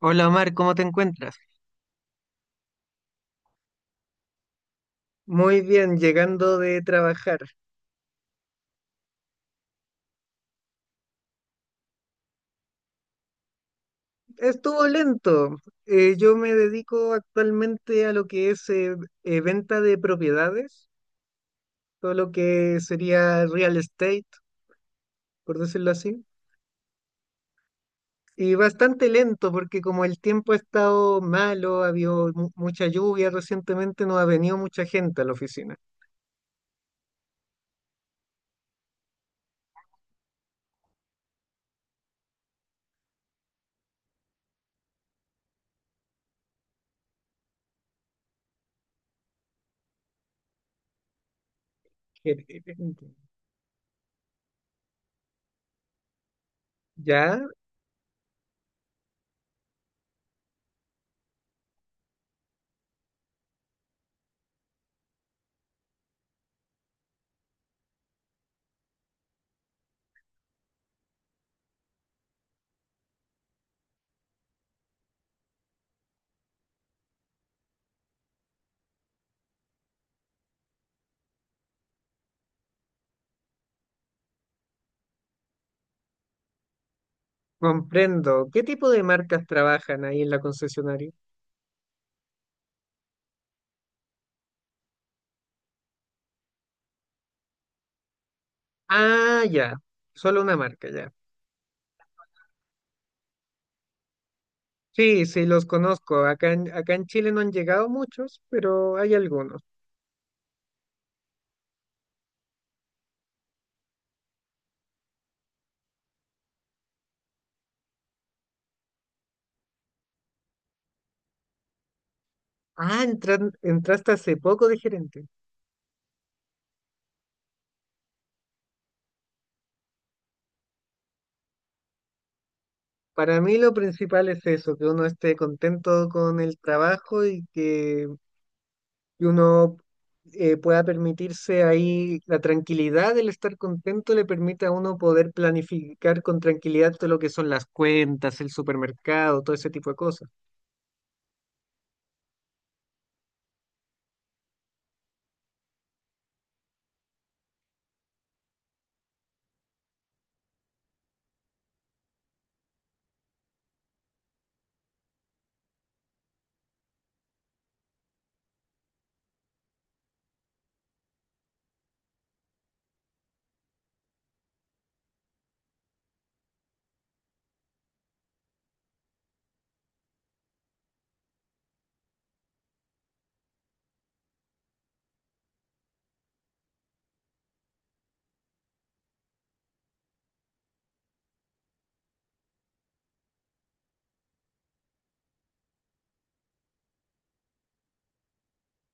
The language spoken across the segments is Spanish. Hola Omar, ¿cómo te encuentras? Muy bien, llegando de trabajar. Estuvo lento. Yo me dedico actualmente a lo que es venta de propiedades, todo lo que sería real estate, por decirlo así. Y bastante lento porque como el tiempo ha estado malo, ha habido mucha lluvia recientemente, no ha venido mucha gente a la oficina. Qué- Ya, comprendo. ¿Qué tipo de marcas trabajan ahí en la concesionaria? Ah, ya, solo una marca, ya. Sí, sí, los conozco. Acá en Chile no han llegado muchos, pero hay algunos. Ah, entraste hace poco de gerente. Para mí lo principal es eso, que uno esté contento con el trabajo y que uno pueda permitirse ahí la tranquilidad, el estar contento le permite a uno poder planificar con tranquilidad todo lo que son las cuentas, el supermercado, todo ese tipo de cosas.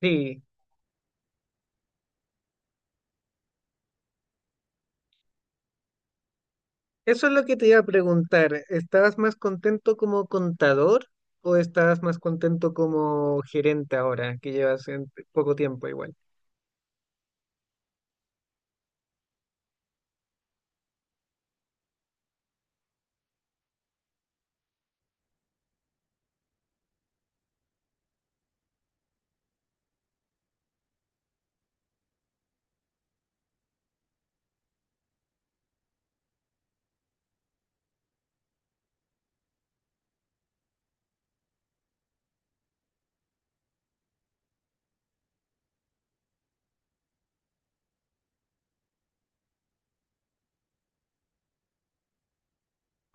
Sí, eso es lo que te iba a preguntar. ¿Estabas más contento como contador o estabas más contento como gerente ahora, que llevas en poco tiempo igual?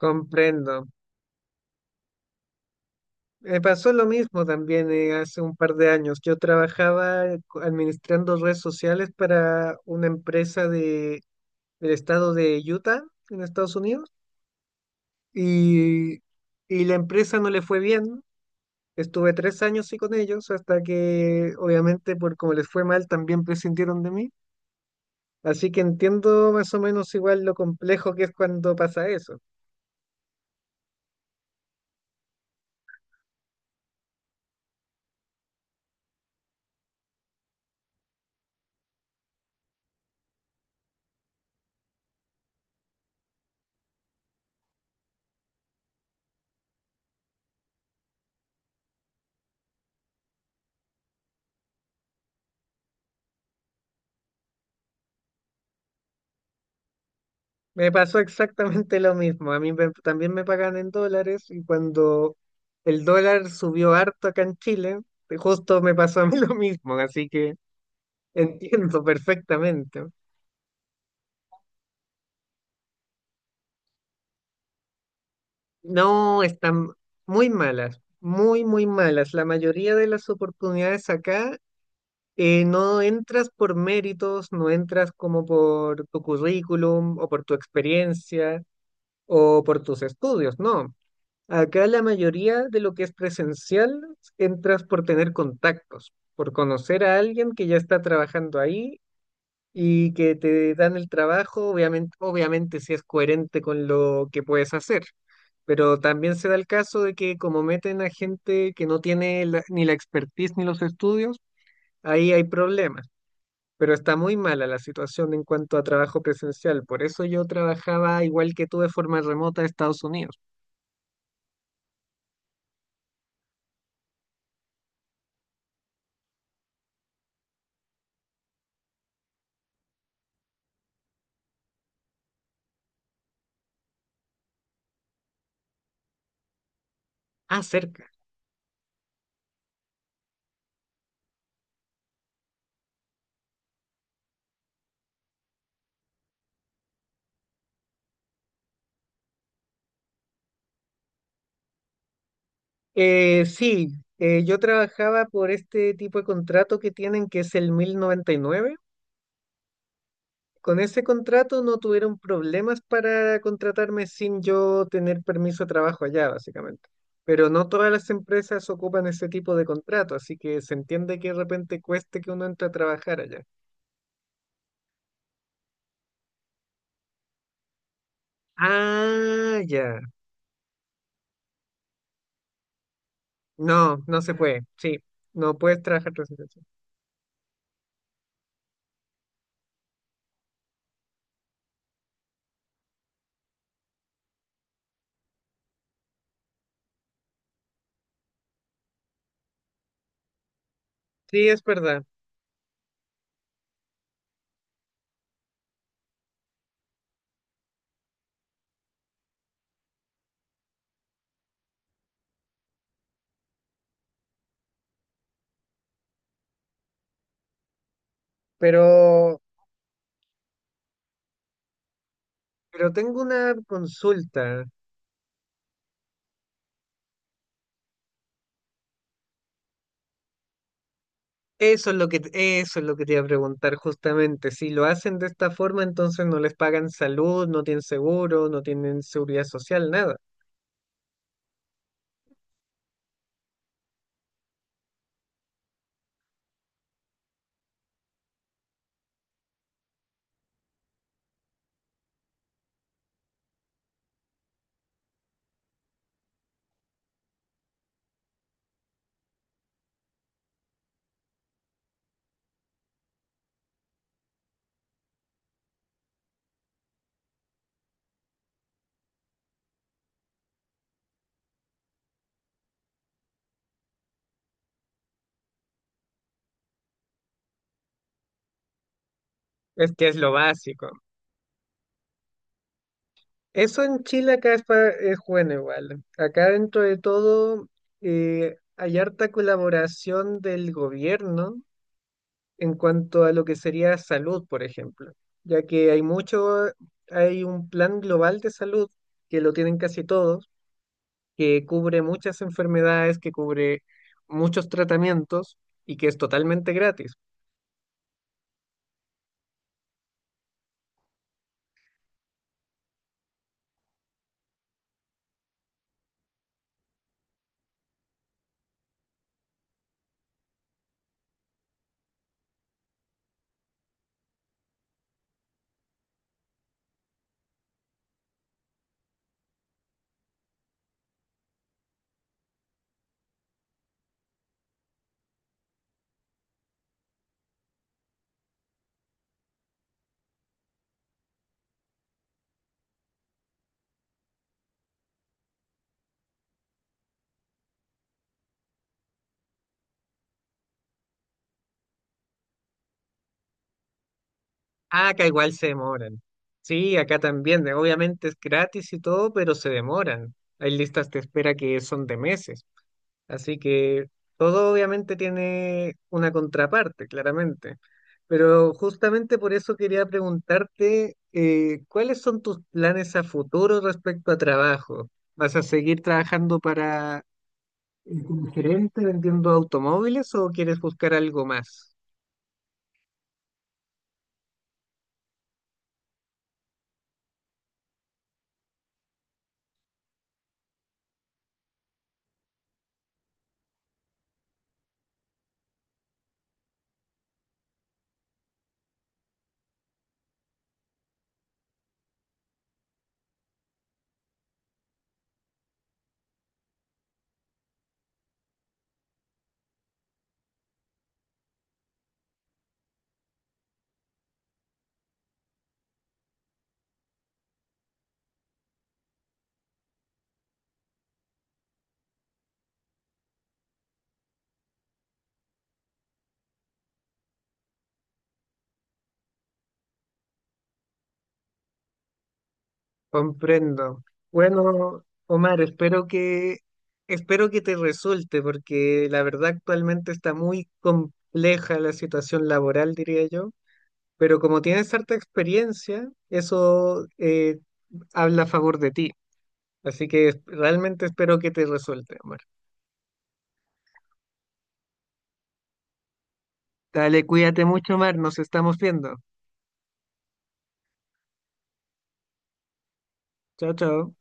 Comprendo. Me pasó lo mismo también hace un par de años. Yo trabajaba administrando redes sociales para una empresa del estado de Utah, en Estados Unidos, y, y la empresa no le fue bien. Estuve tres años sí con ellos hasta que, obviamente, por como les fue mal, también prescindieron de mí. Así que entiendo más o menos igual lo complejo que es cuando pasa eso. Me pasó exactamente lo mismo. A mí también me pagan en dólares y cuando el dólar subió harto acá en Chile, justo me pasó a mí lo mismo. Así que entiendo perfectamente. No, están muy malas, muy, muy malas. La mayoría de las oportunidades acá no entras por méritos, no entras como por tu currículum o por tu experiencia o por tus estudios, no. Acá la mayoría de lo que es presencial entras por tener contactos, por conocer a alguien que ya está trabajando ahí y que te dan el trabajo, obviamente, obviamente si es coherente con lo que puedes hacer. Pero también se da el caso de que como meten a gente que no tiene ni la expertise ni los estudios, ahí hay problemas. Pero está muy mala la situación en cuanto a trabajo presencial. Por eso yo trabajaba igual que tú de forma remota de Estados Unidos. Ah, cerca. Sí, yo trabajaba por este tipo de contrato que tienen, que es el 1099. Con ese contrato no tuvieron problemas para contratarme sin yo tener permiso de trabajo allá, básicamente. Pero no todas las empresas ocupan ese tipo de contrato, así que se entiende que de repente cueste que uno entre a trabajar allá. Ah, ya. No, no se puede. Sí, no puedes trabajar tras sí, es verdad. Pero, pero tengo una consulta. Eso es lo que, eso es lo que te iba a preguntar justamente. Si lo hacen de esta forma, entonces no les pagan salud, no tienen seguro, no tienen seguridad social, nada. Es que es lo básico. Eso en Chile acá es, es bueno igual. Acá dentro de todo hay harta colaboración del gobierno en cuanto a lo que sería salud, por ejemplo, ya que hay mucho, hay un plan global de salud que lo tienen casi todos que cubre muchas enfermedades, que cubre muchos tratamientos y que es totalmente gratis. Ah, acá igual se demoran. Sí, acá también, obviamente es gratis y todo, pero se demoran. Hay listas de espera que son de meses. Así que todo obviamente tiene una contraparte, claramente. Pero justamente por eso quería preguntarte, ¿cuáles son tus planes a futuro respecto a trabajo? ¿Vas a seguir trabajando para como gerente vendiendo automóviles o quieres buscar algo más? Comprendo. Bueno, Omar, espero que te resulte, porque la verdad actualmente está muy compleja la situación laboral, diría yo. Pero como tienes harta experiencia, eso habla a favor de ti. Así que realmente espero que te resulte, Omar. Dale, cuídate mucho, Omar. Nos estamos viendo. Chao, chao.